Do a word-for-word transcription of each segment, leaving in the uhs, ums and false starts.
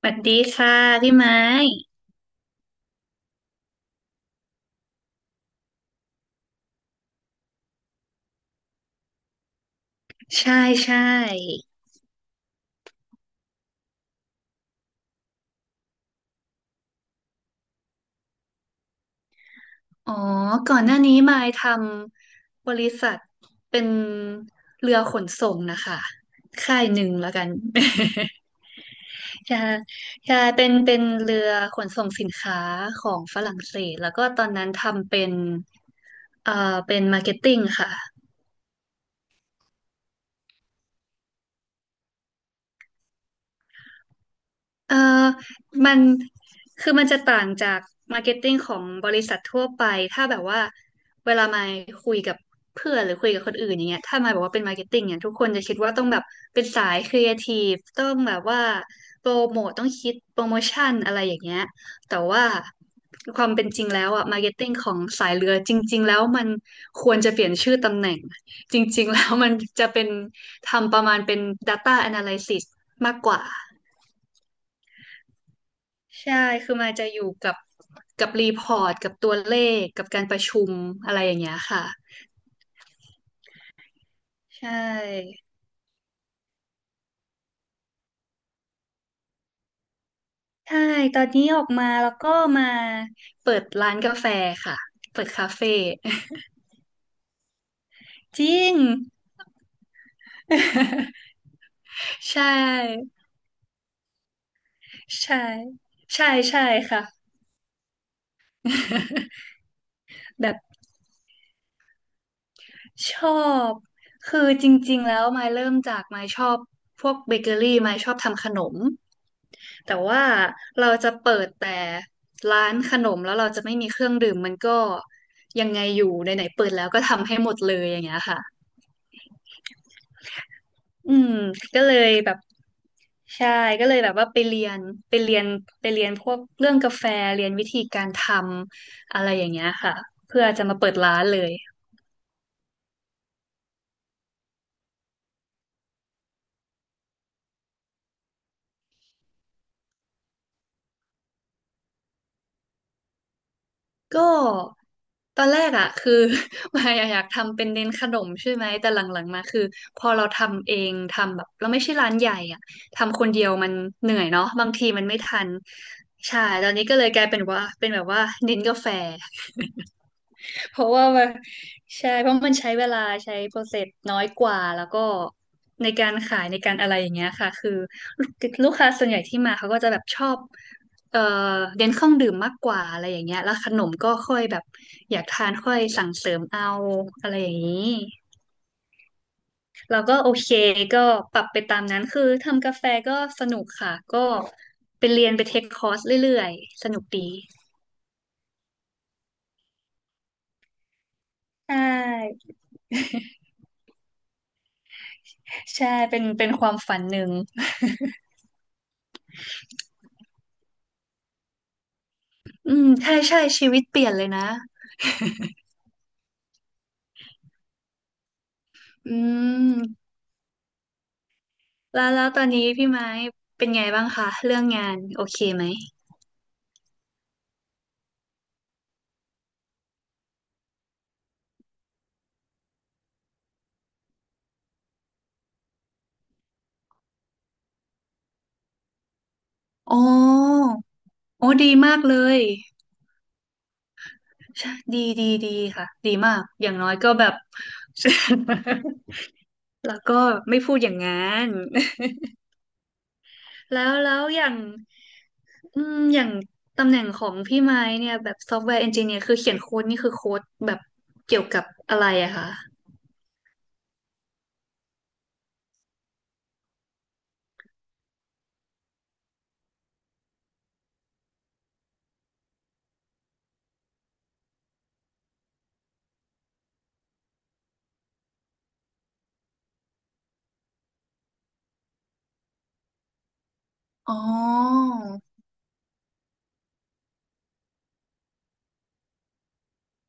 สวัสดีค่ะพี่ไม้ใช่ใช่อ๋อก่อนหน้านี้ไม้ทำบริษัทเป็นเรือขนส่งนะคะค่ายหนึ่งแล้วกัน ใช่ใช่เป็นเป็นเรือขนส่งสินค้าของฝรั่งเศสแล้วก็ตอนนั้นทำเป็นเอ่อเป็นมาร์เก็ตติ้งค่ะ เออ มัน คือมันจะต่างจาก มาร์เก็ตติ้งของบริษัททั่วไปถ้าแบบว่า เวลามาคุยกับเพื่อนหรือคุยกับคนอื่นอย่างเงี้ยถ้ามาบอกว่าเป็นมาร์เก็ตติ้งเนี่ยทุกคนจะคิดว่าต้องแบบ เป็นสายครีเอทีฟต้องแบบว่า โปรโมทต้องคิด โปรโมชั่นอะไรอย่างเงี้ยแต่ว่า ความเป็นจริงแล้วอะมาร์เก็ตติ้งของสายเรือ จริงๆแล้วมัน ควรจะเปลี่ยนชื่อตำแหน่งจริงๆแล้วมันจะเป็นทำประมาณเป็น Data Analysis มากกว่า ใช่ คือมันจะอยู่กับกับรีพอร์ตกับตัวเลขกับการประชุมอะไรอย่างเงี้ยค่ะใช่ใช่ตอนนี้ออกมาแล้วก็มาเปิดร้านกาแฟค่ะเปิดคาเฟ่ จริงใช่ใช่ใช่ใช่ค่ะ แบบชอบคือจริงๆแล้วมายเริ่มจากมายชอบพวกเบเกอรี่มายชอบทำขนม แต่ว่าเราจะเปิดแต่ร้านขนมแล้วเราจะไม่มีเครื่องดื่มมันก็ยังไงอยู่ไหนๆเปิดแล้วก็ทำให้หมดเลยอย่างเงี้ยค่ะอืมก็เลยแบบใช่ก็เลยแบบว่าไปเรียนไปเรียนไปเรียนพวกเรื่องกาแฟเรียนวิธีการทำอะไรอย่างเงี้ยค่ะเพื่อจะมาเปิดร้านเลย ก็ตอนแรกอ่ะคือ มายอะอยากทำเป็นเน้นขนมใช่ไหมแต่หลังๆมาคือพอเราทำเองทำแบบเราไม่ใช่ร้านใหญ่อ่ะทำคนเดียวมันเหนื่อยเนาะบางทีมันไม่ทันใช่ตอนนี้ก็เลยกลายเป็นว่าเป็นแบบว่าเน้นกาแฟ เพราะว่ามันใช่เพราะมันใช้เวลาใช้โปรเซสน้อยกว่าแล้วก็ในการขายในการอะไรอย่างเงี้ยค่ะคือลูกลูกค้าส่วนใหญ่ที่มาเขาก็จะแบบชอบเอ่อเน้นเครื่องดื่มมากกว่าอะไรอย่างเงี้ยแล้วขนมก็ค่อยแบบอยากทานค่อยสั่งเสริมเอาอะไรอย่างนี้เราก็โอเคก็ปรับไปตามนั้นคือทำกาแฟก็สนุกค่ะก็ไปเรียนไปเทคคอร์สเรื่อยๆสนุกดีใช่ใช่เป็นเป็นความฝันหนึ่ง อืมใช่ใช่ชีวิตเปลี่ยนเลยนะอืมแล้วแล้วตอนนี้พี่ไม้เป็นไงบ้างคะเรื่องงานโอเคไหมอ๋อโอ้ดีมากเลยใช่ดีดีดีค่ะดีมากอย่างน้อยก็แบบ แล้วก็ไม่พูดอย่างงั้น แล้วแล้วอย่างอืมอย่างตำแหน่งของพี่ไม้เนี่ยแบบซอฟต์แวร์เอนจิเนียร์คือเขียนโค้ดนี่คือโค้ดแบบเกี่ยวกับอะไรอะคะอ๋อ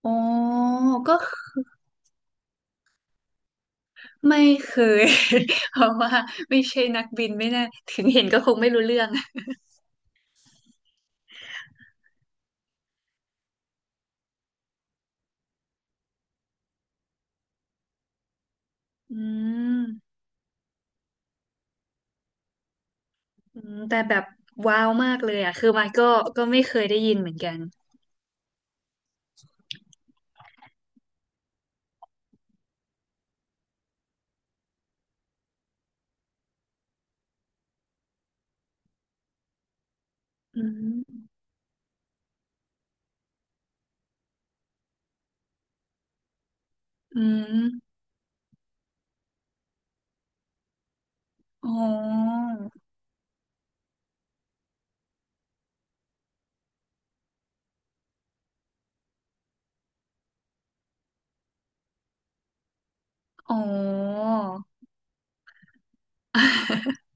อ๋อก็ ไม่เคย เพราะว่าไม่ใช่นักบินไม่แน่าถึงเห็นก็คงไม่รู้เรื่องอืมอืมแต่แบบว้าวมากเลยอ่ะคือมันก็ก็ไม่เคยได้ยินเหมือนกันอืมอืมอ๋ออ๋อ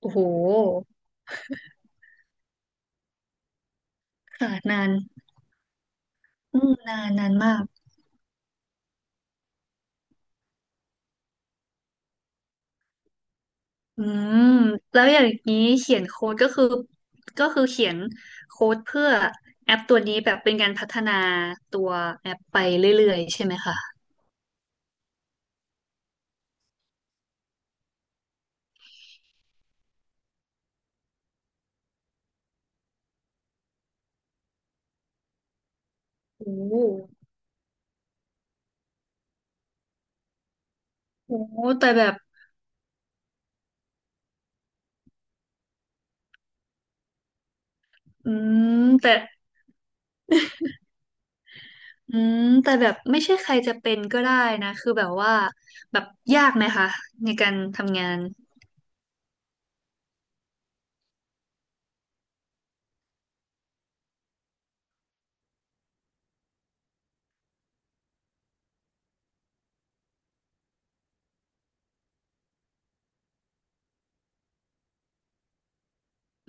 โอ้โหค่ะนานอืมนานนานมากอืมแล้วอย่างนี้เขียนโค้ดก็คือก็คือเขียนโค้ดเพื่อแอปตัวนี้แบบเป็นการพัฒนาตัวแอปไปเรื่อยๆใช่ไหมคะ โอ้โหโอ้โหแต่แบบอืมแต่อืมแต่แบบไม่ใช่ใครจะเป็นก็ได้นะคือแบบว่าแบบยากไหมคะในการทำงาน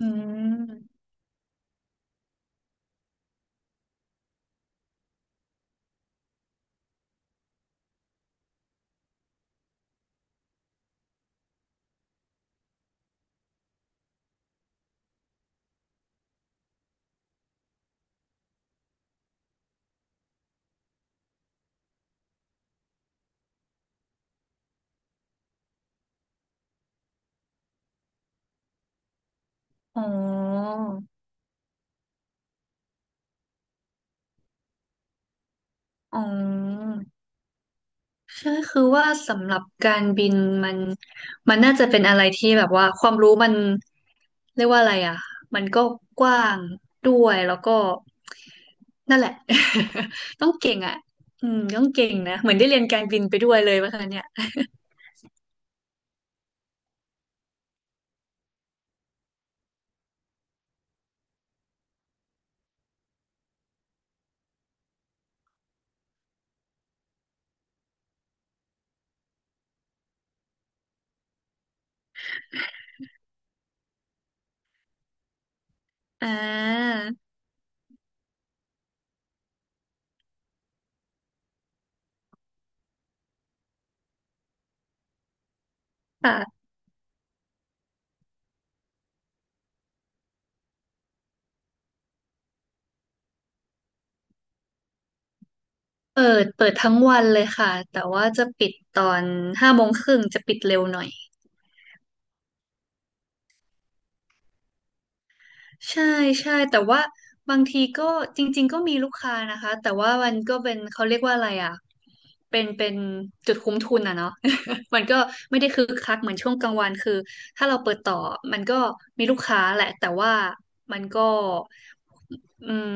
อืมอ๋ออ๋อใช่คือว่าสำหรับการบินมันมันน่าจะเป็นอะไรที่แบบว่าความรู้มันเรียกว่าอะไรอ่ะมันก็กว้างด้วยแล้วก็นั่นแหละ ต้องเก่งอ่ะอืมต้องเก่งนะเหมือนได้เรียนการบินไปด้วยเลยว่าคะเนี่ย อ่าค่ะเปิดเปิดทั้งวันเลยค่ะแต่ว่าจะปิดตอนห้าโมงครึ่งจะปิดเร็วหน่อยใช่ใช่แต่ว่าบางทีก็จริงๆก็มีลูกค้านะคะแต่ว่ามันก็เป็นเขาเรียกว่าอะไรอ่ะเป็นเป็นจุดคุ้มทุนอ่ะเนาะ มันก็ไม่ได้คึกคักเหมือนช่วงกลางวันคือถ้าเราเปิดต่อมันก็มีลูกค้าแหละแต่ว่ามันก็อืม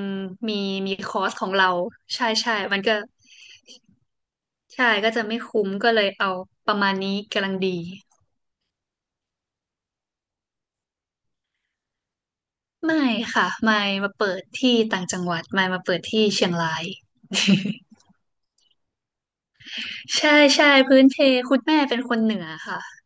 มีมีคอร์สของเราใช่ใช่มันก็ ใช่ก็จะไม่คุ้มก็เลยเอาประมาณนี้กำลังดีไม่ค่ะไม่มาเปิดที่ต่างจังหวัดไม่มาเปิดที่เชียงราย ใช่ใช่พื้นเพคุณแม่เป็นคนเหนือค่ะ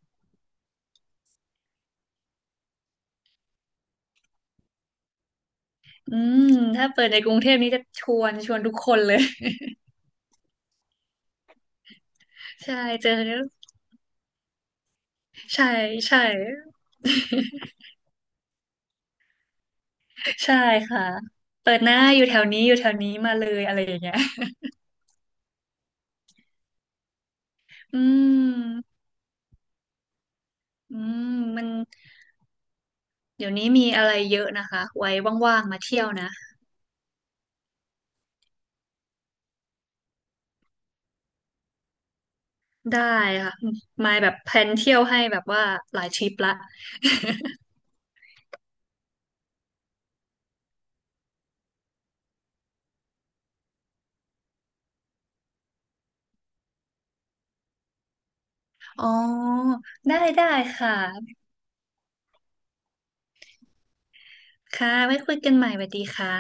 อืมถ้าเปิดในกรุงเทพนี้จะชวนชวนทุกคนเลย ใช่เจอใช่ใช่ใช่ค่ะเปิดหน้าอยู่แถวนี้อยู่แถวนี้มาเลยอะไรอย่างเงี้ย อืมอืมมันเดี๋ยวนี้มีอะไรเยอะนะคะไว้ว่างๆมาเที่ยวนะ ได้ค่ะมายแบบแพลนเที่ยวให้แบบว่าหลายทริปละ อ๋อได้ได้ค่ะค่ะไว้คุยกันใหม่สวัสดีค่ะ